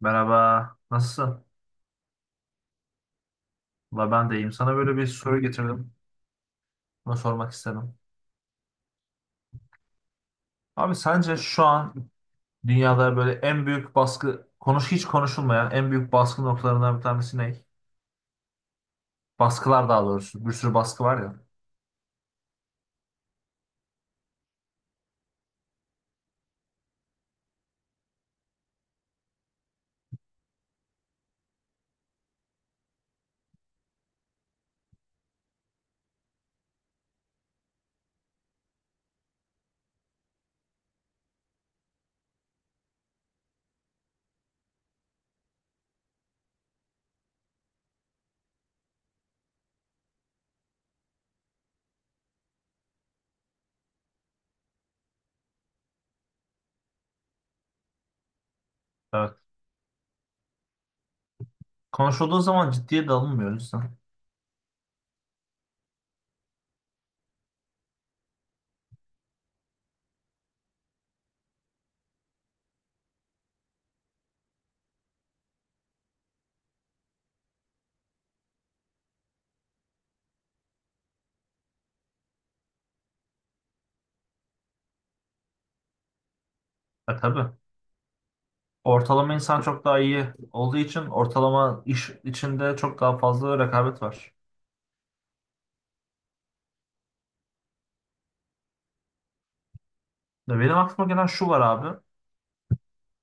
Merhaba, nasılsın? Valla ben de iyiyim. Sana böyle bir soru getirdim. Bunu sormak istedim. Abi sence şu an dünyada böyle en büyük baskı, hiç konuşulmayan en büyük baskı noktalarından bir tanesi ne? Baskılar daha doğrusu. Bir sürü baskı var ya. Evet. Konuşulduğu zaman ciddiye de alınmıyor insan. E tabii. Ortalama insan çok daha iyi olduğu için ortalama iş içinde çok daha fazla rekabet var. Ya benim aklıma gelen şu var abi.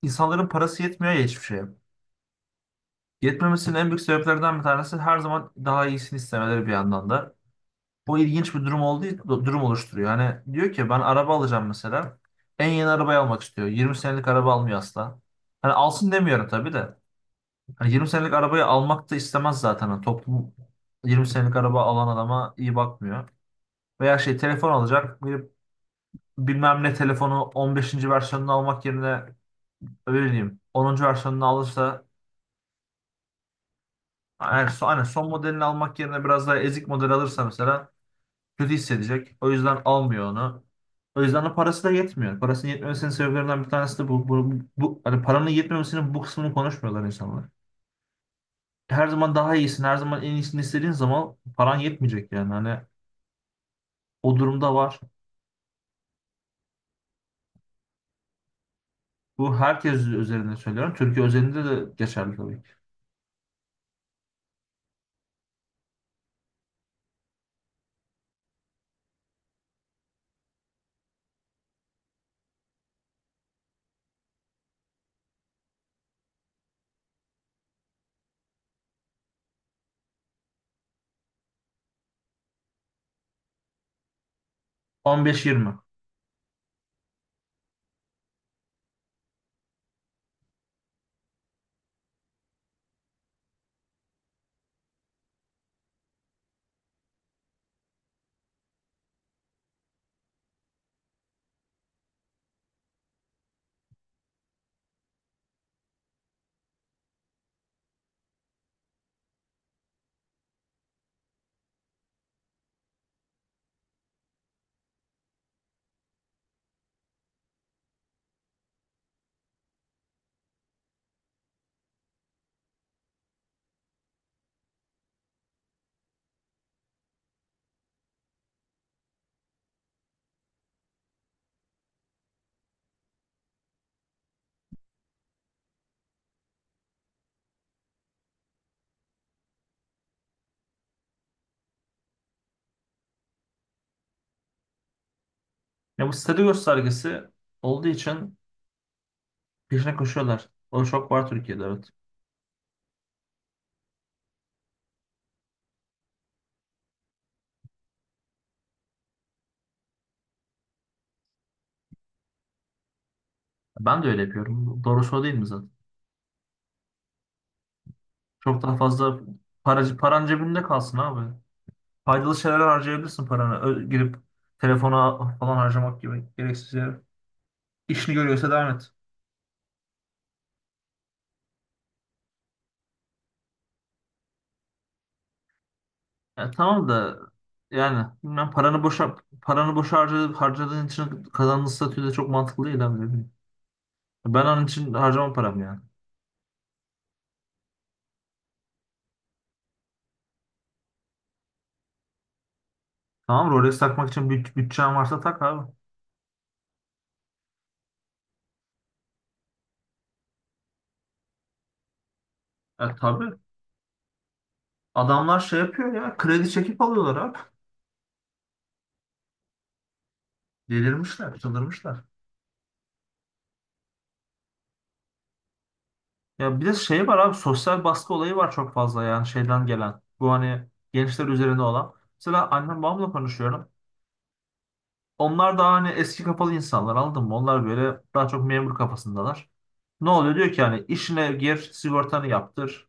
İnsanların parası yetmiyor ya hiçbir şeye. Yetmemesinin en büyük sebeplerden bir tanesi her zaman daha iyisini istemeleri bir yandan da. Bu ilginç bir durum olduğu durum oluşturuyor. Hani diyor ki ben araba alacağım mesela. En yeni arabayı almak istiyor. 20 senelik araba almıyor asla. Hani alsın demiyorum tabii de. Hani 20 senelik arabayı almak da istemez zaten. Hani toplum 20 senelik araba alan adama iyi bakmıyor. Veya şey telefon alacak. Bilmem ne telefonu 15. versiyonunu almak yerine öyle diyeyim 10. versiyonunu alırsa, yani son, hani son modelini almak yerine biraz daha ezik model alırsa mesela kötü hissedecek. O yüzden almıyor onu. O yüzden de parası da yetmiyor. Parasının yetmemesinin sebeplerinden bir tanesi de bu. Hani paranın yetmemesinin bu kısmını konuşmuyorlar insanlar. Her zaman daha iyisin, her zaman en iyisini istediğin zaman paran yetmeyecek yani. Hani o durumda var. Bu herkes üzerinde söylüyorum. Türkiye özelinde de geçerli tabii ki. 15 20. Ya bu statü göstergesi olduğu için peşine koşuyorlar. O çok var Türkiye'de, evet. Ben de öyle yapıyorum. Doğrusu o değil mi zaten? Çok daha fazla paran cebinde kalsın abi. Faydalı şeyler harcayabilirsin paranı. Girip telefona falan harcamak gibi gereksiz yere. İşini görüyorsa devam et. Ya tamam da yani bilmem paranı boşa harcadı, harcadığın için kazandığın statü de çok mantıklı değil abi, ne bileyim. Ben onun için harcamam paramı yani. Tamam, Rolex takmak için bütçen varsa tak abi. E tabii. Adamlar şey yapıyor ya, kredi çekip alıyorlar abi. Delirmişler, çıldırmışlar. Ya bir de şey var abi, sosyal baskı olayı var çok fazla yani şeyden gelen. Bu hani gençler üzerine olan. Mesela annem babamla konuşuyorum. Onlar daha hani eski kafalı insanlar, anladın mı? Onlar böyle daha çok memur kafasındalar. Ne oluyor, diyor ki hani işine gir, sigortanı yaptır,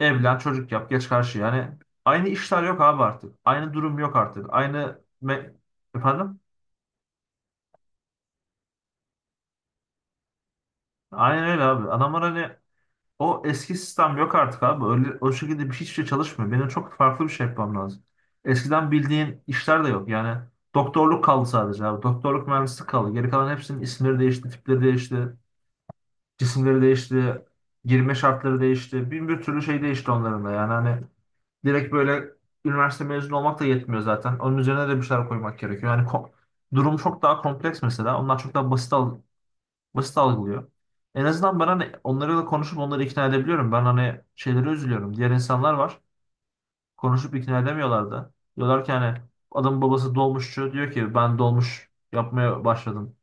evlen, çocuk yap, geç karşı yani. Aynı işler yok abi artık. Aynı durum yok artık. Efendim? Aynen öyle abi. Adamlar hani o eski sistem yok artık abi. Öyle, o şekilde bir hiçbir şey çalışmıyor. Benim çok farklı bir şey yapmam lazım. Eskiden bildiğin işler de yok. Yani doktorluk kaldı sadece abi. Doktorluk, mühendislik kaldı. Geri kalan hepsinin isimleri değişti, tipleri değişti, cisimleri değişti, girme şartları değişti. Bin bir türlü şey değişti onların da. Yani hani direkt böyle üniversite mezunu olmak da yetmiyor zaten. Onun üzerine de bir şeyler koymak gerekiyor. Durum çok daha kompleks mesela. Onlar çok daha basit algılıyor. En azından ben hani onlarla konuşup onları ikna edebiliyorum. Ben hani şeylere üzülüyorum. Diğer insanlar var. Konuşup ikna edemiyorlar da. Diyorlar ki hani adamın babası dolmuşçu. Diyor ki ben dolmuş yapmaya başladım.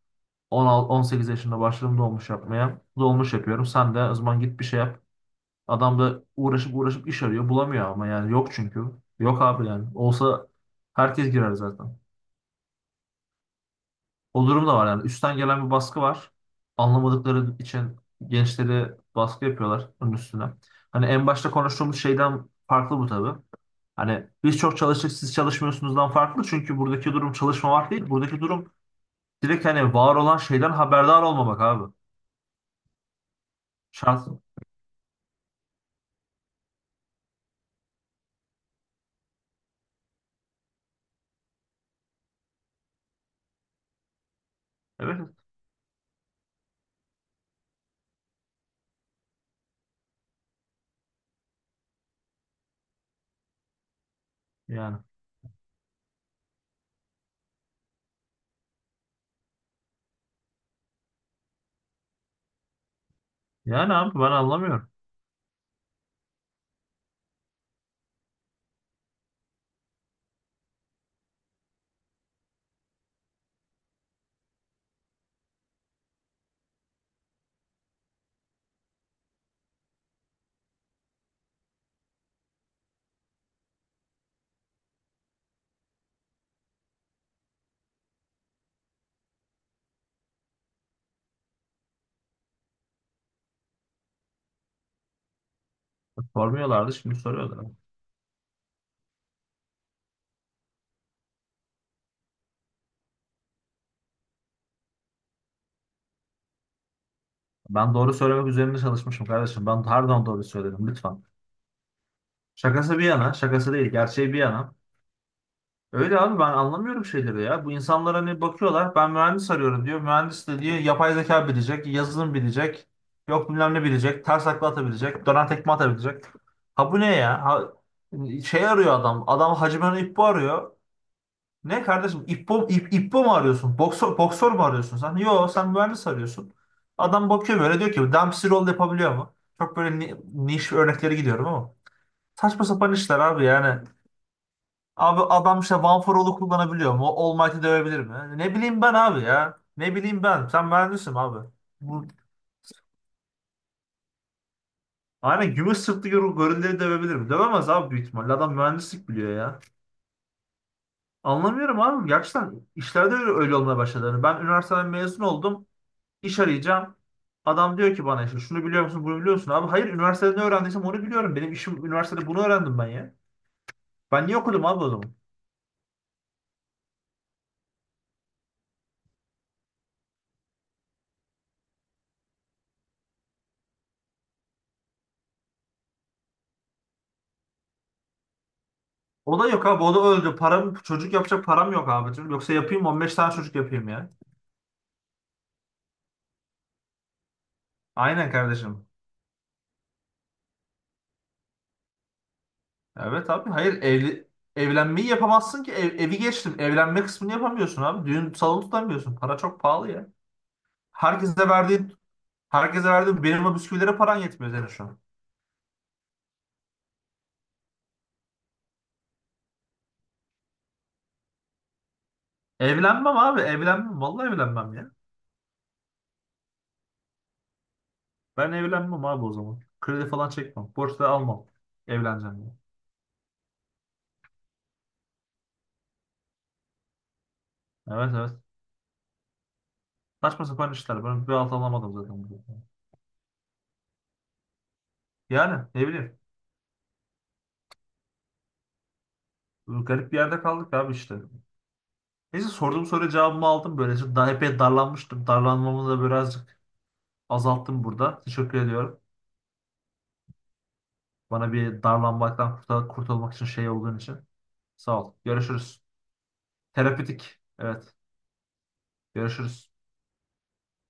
16-18 yaşında başladım dolmuş yapmaya. Dolmuş yapıyorum. Sen de o zaman git bir şey yap. Adam da uğraşıp uğraşıp iş arıyor. Bulamıyor ama yani yok çünkü. Yok abi yani. Olsa herkes girer zaten. O durum da var yani. Üstten gelen bir baskı var. Anlamadıkları için gençleri baskı yapıyorlar onun üstüne. Hani en başta konuştuğumuz şeyden farklı bu tabii. Hani biz çok çalıştık siz çalışmıyorsunuzdan farklı. Çünkü buradaki durum çalışmamak değil. Buradaki durum direkt hani var olan şeyden haberdar olmamak abi. Şans. Evet yani. Yani abi ben anlamıyorum. Sormuyorlardı, şimdi soruyorlar. Ben doğru söylemek üzerine çalışmışım kardeşim. Ben her zaman doğru söyledim lütfen. Şakası bir yana, şakası değil, gerçeği bir yana. Öyle abi, ben anlamıyorum şeyleri ya. Bu insanlar hani bakıyorlar, ben mühendis arıyorum diyor. Mühendis de diyor yapay zeka bilecek, yazılım bilecek, yok bilmem ne bilecek, ters takla atabilecek, dönen tekme atabilecek. Ha bu ne ya? Ha, şey arıyor adam. Adam Hacı Bana İppo arıyor. Ne kardeşim İppo, İppo mu arıyorsun? Boksör, boksör mü arıyorsun sen? Yo, sen mühendis arıyorsun. Adam bakıyor böyle diyor ki Dempsey roll yapabiliyor mu? Çok böyle niş örnekleri gidiyorum ama. Saçma sapan işler abi yani. Abi adam işte One for All'u kullanabiliyor mu? All Might'i dövebilir mi? Ne bileyim ben abi ya. Ne bileyim ben. Sen mühendisin abi. Bu... Aynen gümüş sırtlı gorilleri dövebilir mi? Dövemez abi büyük ihtimalle. Adam mühendislik biliyor ya. Anlamıyorum abi. Gerçekten işlerde öyle, öyle olmaya başladı. Yani ben üniversiteden mezun oldum. İş arayacağım. Adam diyor ki bana işte şunu biliyor musun, bunu biliyor musun? Abi hayır, üniversitede ne öğrendiysem onu biliyorum. Benim işim, üniversitede bunu öğrendim ben ya. Ben niye okudum abi o zaman? O da yok abi, o da öldü. Çocuk yapacak param yok abi. Yoksa yapayım, 15 tane çocuk yapayım ya. Aynen kardeşim. Evet abi hayır, evlenmeyi yapamazsın ki. Evi geçtim. Evlenme kısmını yapamıyorsun abi. Düğün salonu tutamıyorsun. Para çok pahalı ya. Herkese verdiğin herkese verdiğin benim o bisküvilere paran yetmiyor senin şu an. Evlenmem abi, evlenmem. Vallahi evlenmem ya. Ben evlenmem abi o zaman. Kredi falan çekmem. Borç da almam. Evleneceğim ya. Evet, evet. Saçma sapan işler. Ben bir alt alamadım zaten. Yani ne bileyim. Garip bir yerde kaldık abi işte. Neyse, sorduğum soruya cevabımı aldım. Böylece daha epey darlanmıştım. Darlanmamı da birazcık azalttım burada. Teşekkür ediyorum. Bana bir darlanmaktan kurtulmak için şey olduğun için. Sağ ol. Görüşürüz. Terapetik. Evet. Görüşürüz.